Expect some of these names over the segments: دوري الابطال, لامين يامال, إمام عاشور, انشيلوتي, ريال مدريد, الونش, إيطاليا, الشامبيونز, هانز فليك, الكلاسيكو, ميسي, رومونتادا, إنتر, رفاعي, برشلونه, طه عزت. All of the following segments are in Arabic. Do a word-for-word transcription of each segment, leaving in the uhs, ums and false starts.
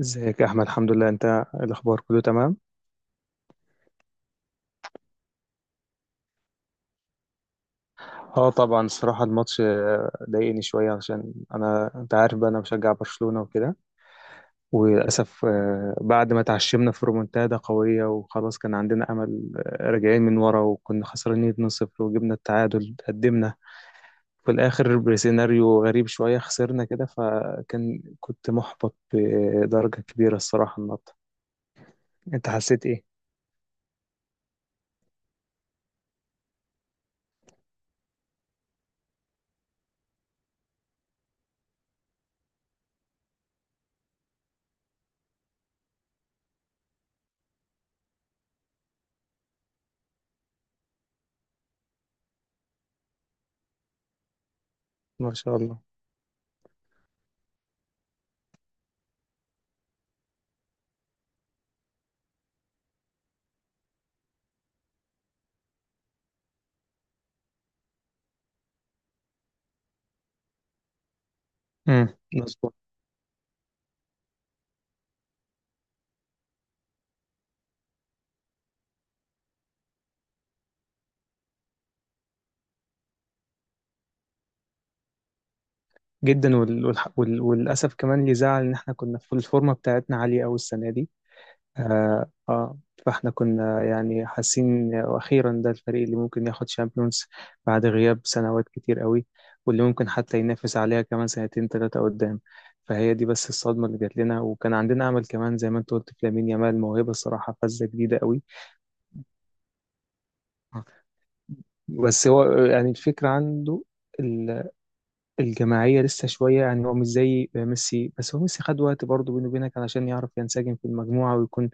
ازيك يا احمد، الحمد لله. انت إيه الاخبار؟ كله تمام؟ اه طبعا، الصراحه الماتش آه، ضايقني شويه، عشان انا، انت عارف بقى، انا بشجع برشلونه وكده. وللاسف آه، بعد ما تعشمنا في رومونتادا قويه وخلاص كان عندنا امل، آه، راجعين من ورا وكنا خسرانين اتنين صفر وجبنا التعادل، قدمنا في الاخر بسيناريو غريب شويه خسرنا كده. فكان كنت محبط بدرجه كبيره الصراحه النهارده. انت حسيت ايه؟ ما شاء الله. امم. جدا. وال... والح... وال... وللاسف كمان اللي زعل ان احنا كنا في الفورمه بتاعتنا عاليه قوي السنه دي. آه... آه... فاحنا كنا يعني حاسين واخيرا ده الفريق اللي ممكن ياخد شامبيونز بعد غياب سنوات كتير قوي، واللي ممكن حتى ينافس عليها كمان سنتين ثلاثه قدام. فهي دي بس الصدمه اللي جات لنا، وكان عندنا امل كمان زي ما انت قلت في لامين يامال، موهبه الصراحه، فزه جديده قوي. بس هو آه، يعني الفكره عنده الجماعية لسه شوية. يعني هو مش زي ميسي، بس هو ميسي خد وقت برضه بينه وبينك علشان يعرف ينسجم في المجموعة ويكون.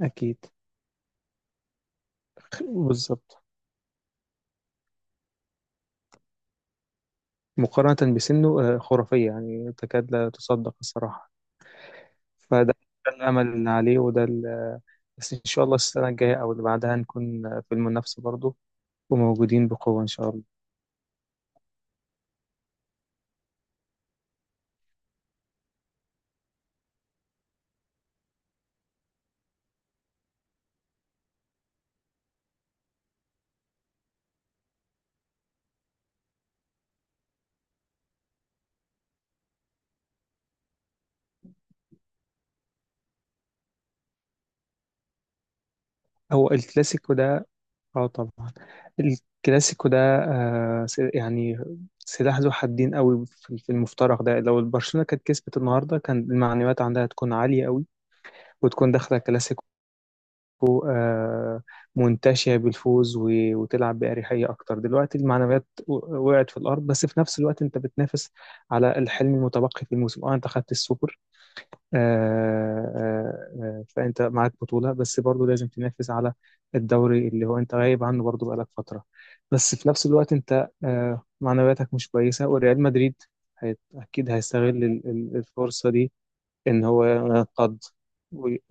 أكيد. بالظبط. مقارنة بسنه آه، خرافية، يعني تكاد لا تصدق الصراحة. فده ده الأمل اللي عليه، وده ال... بس إن شاء الله السنة الجاية أو اللي بعدها نكون في المنافسة برضه، وموجودين بقوة إن شاء الله. هو الكلاسيكو ده، اه طبعا. الكلاسيكو ده آه س- يعني سلاح ذو حدين قوي في في المفترق ده. لو البرشلونة كانت كسبت النهارده كان المعنويات عندها تكون عالية قوي، وتكون داخلة الكلاسيكو منتشية بالفوز و... وتلعب بأريحية أكتر. دلوقتي المعنويات و- وقعت في الأرض، بس في نفس الوقت أنت بتنافس على الحلم المتبقي في الموسم. اه، أنت خدت السوبر. آه، آه، آه، فأنت معاك بطولة، بس برضه لازم تنافس على الدوري اللي هو أنت غايب عنه برضه بقالك فترة. بس في نفس الوقت أنت آه، معنوياتك مش كويسة، وريال مدريد هيت- أكيد هيستغل ال- ال- الفرصة دي. إن هو ينقض وي-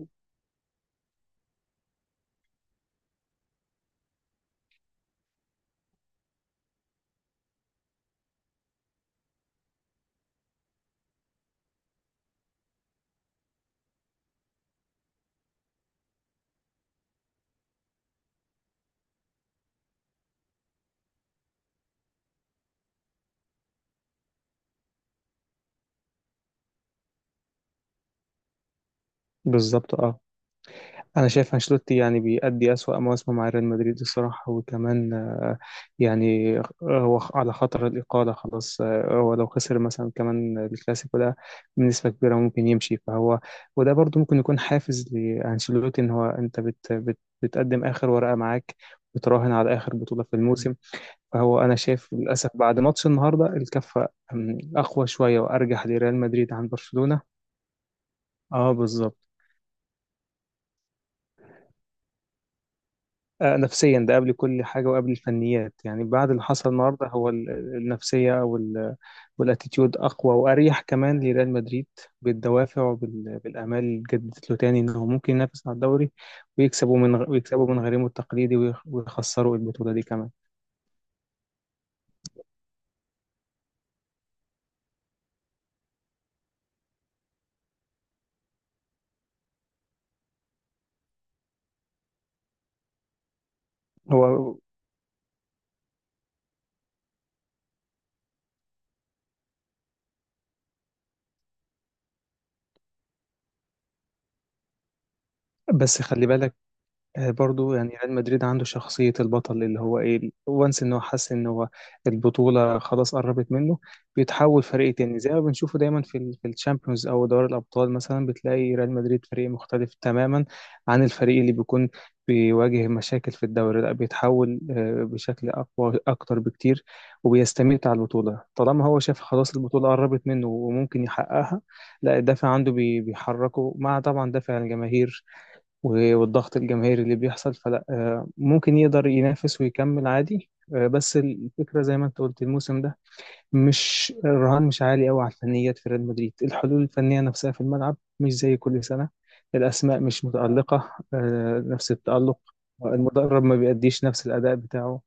بالظبط، أه. انا شايف انشيلوتي يعني بيأدي أسوأ مواسمه مع ريال مدريد الصراحه. وكمان آه، يعني آه، هو على خطر الاقاله خلاص. آه، هو لو خسر مثلا كمان الكلاسيكو ده، بنسبه كبيره ممكن يمشي. فهو وده برضو ممكن يكون حافز لانشيلوتي، ان هو انت بت بت بتقدم اخر ورقه معاك، بتراهن على اخر بطوله في الموسم. فهو انا شايف للاسف، بعد ماتش النهارده الكفه أم، اقوى شويه وارجح لريال مدريد عن برشلونه. اه بالظبط. آه، نفسيا ده قبل كل حاجة وقبل الفنيات، يعني بعد اللي حصل النهاردة هو ال- النفسية وال- والاتيتيود أقوى وأريح كمان لريال مدريد، بالدوافع وبالآمال اللي اتجددت له تاني إنه ممكن ينافس على الدوري، ويكسبوا من غ- ويكسبوا من غريمه التقليدي، ويخ- ويخسروا البطولة دي كمان. هو بس خلي بالك، آه، برضو يعني ريال مدريد عنده شخصية البطل، اللي هو ايه وانس ان هو حس ان هو البطولة خلاص قربت منه، بيتحول فريق تاني زي ما بنشوفه دايما في ال في الشامبيونز او دوري الابطال. مثلا بتلاقي ريال مدريد فريق مختلف تماما عن الفريق اللي بيكون بيواجه مشاكل في الدوري. لا، بيتحول آه، بشكل اقوى اكتر بكتير، وبيستميت على البطولة طالما هو شاف خلاص البطولة قربت منه وممكن يحققها. لا، الدافع عنده بي- بيحركه مع طبعا دافع الجماهير و- والضغط الجماهيري اللي بيحصل. فلا، آه، ممكن يقدر ينافس ويكمل عادي. آه، بس الفكرة زي ما انت قلت الموسم ده مش، الرهان مش عالي قوي على الفنيات في ريال مدريد. الحلول الفنية نفسها في الملعب مش زي كل سنة. الأسماء مش متألقة آه، نفس التألق. المدرب ما بيأديش نفس الأداء بتاعه.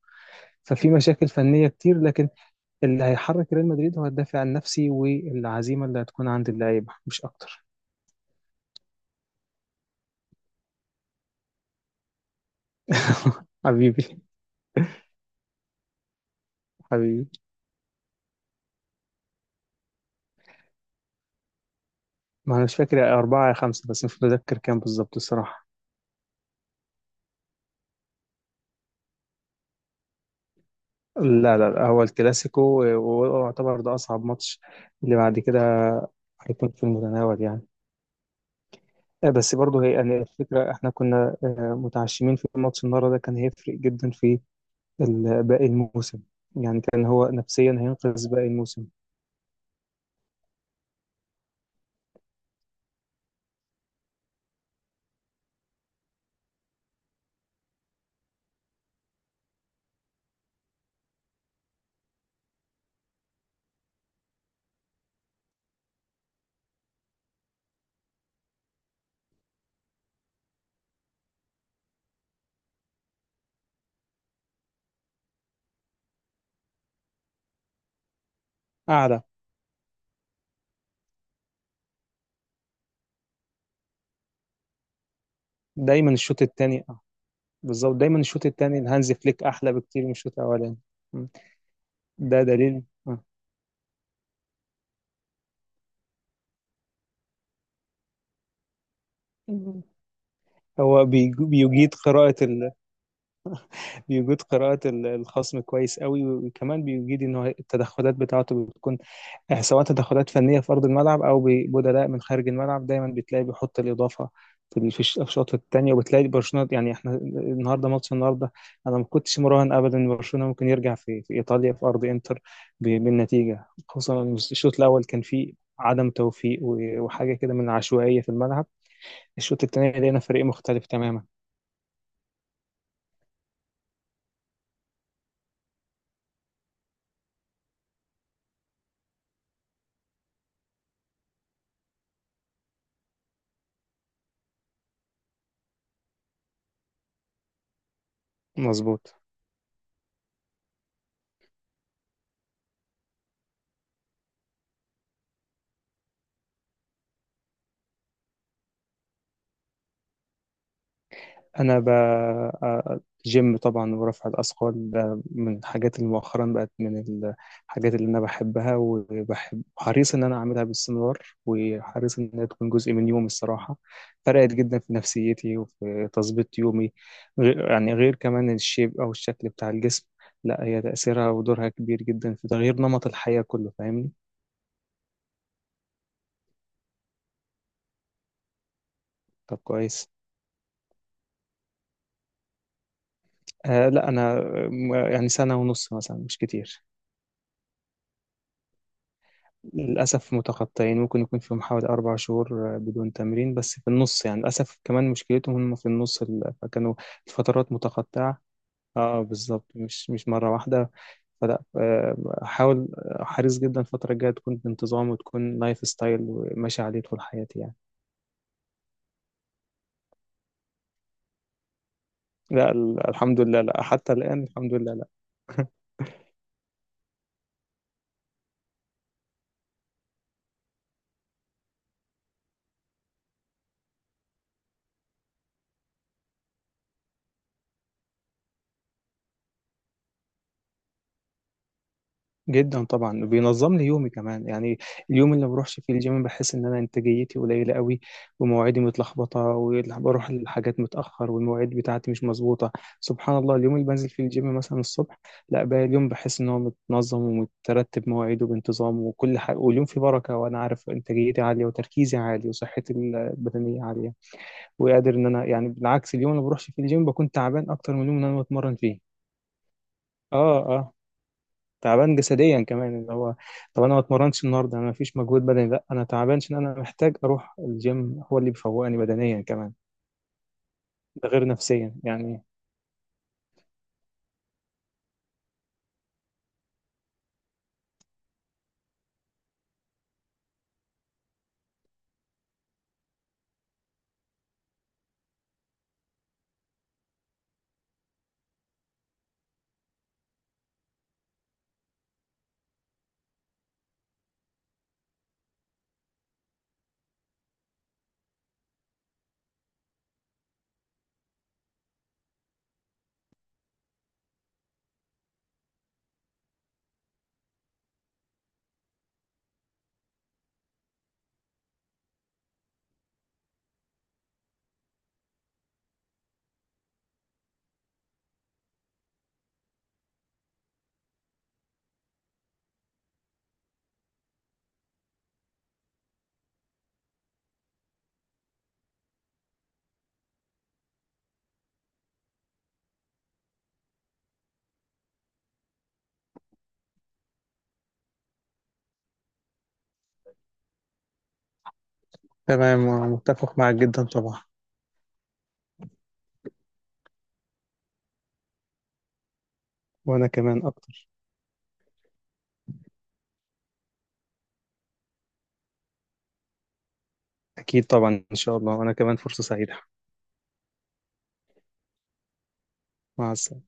ففي مشاكل فنية كتير، لكن اللي هيحرك ريال مدريد هو الدافع النفسي والعزيمة اللي هتكون عند اللعيبة، مش أكتر. حبيبي. حبيبي، ما أنا مش فاكر، أربعة يا خمسة، بس مش متذكر كام بالظبط الصراحة. لا، لا، لا، هو الكلاسيكو ويعتبر ده أصعب ماتش. اللي بعد كده هيكون في المتناول يعني. آه، بس برضه هي يعني الفكرة احنا كنا آه، متعشمين في ماتش النهارده ده، كان هيفرق جدا في ال- باقي الموسم، يعني كان هو نفسيا هينقذ باقي الموسم. أعلى. دايما الشوط الثاني. بالظبط، دايما الشوط الثاني الهانز فليك أحلى بكتير من الشوط الأولاني. م. ده دليل. آه. مم. هو بيج- بيجيد قراءة. بيجيد قراءة ال- الخصم كويس قوي، وكمان بيجيد ان هو التدخلات بتاعته بتكون آه، سواء تدخلات فنية في أرض الملعب أو ب- بدلاء من خارج الملعب، دايما بتلاقي بيحط الإضافة في ال- في الش- الأشواط التانية. وبتلاقي برشلونة، يعني احنا النهارده، ماتش النهارده أنا ما كنتش مراهن أبدا إن برشلونة ممكن يرجع في في إيطاليا في أرض إنتر ب- بالنتيجة، خصوصا إن الشوط الأول كان فيه عدم توفيق و- وحاجة كده من العشوائية في الملعب. الشوط التاني لقينا فريق مختلف تماما. مظبوط. انا ب... آه، جيم طبعا ورفع الاثقال، ده من الحاجات اللي مؤخرا بقت من الحاجات اللي انا بحبها، وبحب حريص ان انا اعملها باستمرار، وحريص ان هي تكون جزء من يومي الصراحه. فرقت جدا في نفسيتي وفي تظبيط يومي، غير يعني غير كمان الشيب او الشكل بتاع الجسم. لا، هي تاثيرها ودورها كبير جدا في تغيير نمط الحياه كله. فاهمني؟ طب كويس. آه لا انا آه، يعني سنه ونص مثلا، مش كتير. للأسف متقطعين، ممكن يكون فيهم حوالي أربع شهور آه، بدون تمرين، بس في النص يعني، للأسف كمان مشكلتهم هم في النص ال- فكانوا الفترات متقطعة. اه بالظبط، مش مش مرة واحدة. فلا، آه، حاول آه، حريص جدا الفترة الجاية تكون بانتظام، وتكون لايف ستايل وماشي عليه طول حياتي يعني. لا، ال- الحمد لله، لا، حتى الآن الحمد لله، لا. جدا طبعا، وبينظم لي يومي كمان يعني. اليوم اللي ما بروحش فيه الجيم بحس ان انا انتاجيتي قليله قوي، ومواعيدي متلخبطه، وبروح للحاجات متاخر، والمواعيد بتاعتي مش مظبوطه. سبحان الله، اليوم اللي بنزل فيه الجيم مثلا الصبح، لا، باقي اليوم بحس ان هو متنظم ومترتب مواعيده بانتظام وكل حاجه، واليوم فيه بركه، وانا عارف انتاجيتي عاليه وتركيزي عالي وصحتي البدنيه عاليه، وقادر ان انا. يعني بالعكس، اليوم اللي ما بروحش فيه الجيم بكون تعبان اكتر من اليوم اللي انا بتمرن فيه. اه، اه، تعبان جسديا كمان اللي هو، طب انا ما اتمرنش النهارده، انا ما فيش مجهود بدني. لا، انا تعبان عشان انا محتاج اروح الجيم، هو اللي بيفوقني بدنيا كمان، ده غير نفسيا يعني. تمام، متفق معك جدا طبعا. وانا كمان اكتر. اكيد طبعا، ان شاء الله، وانا كمان فرصة سعيدة. مع السلامة.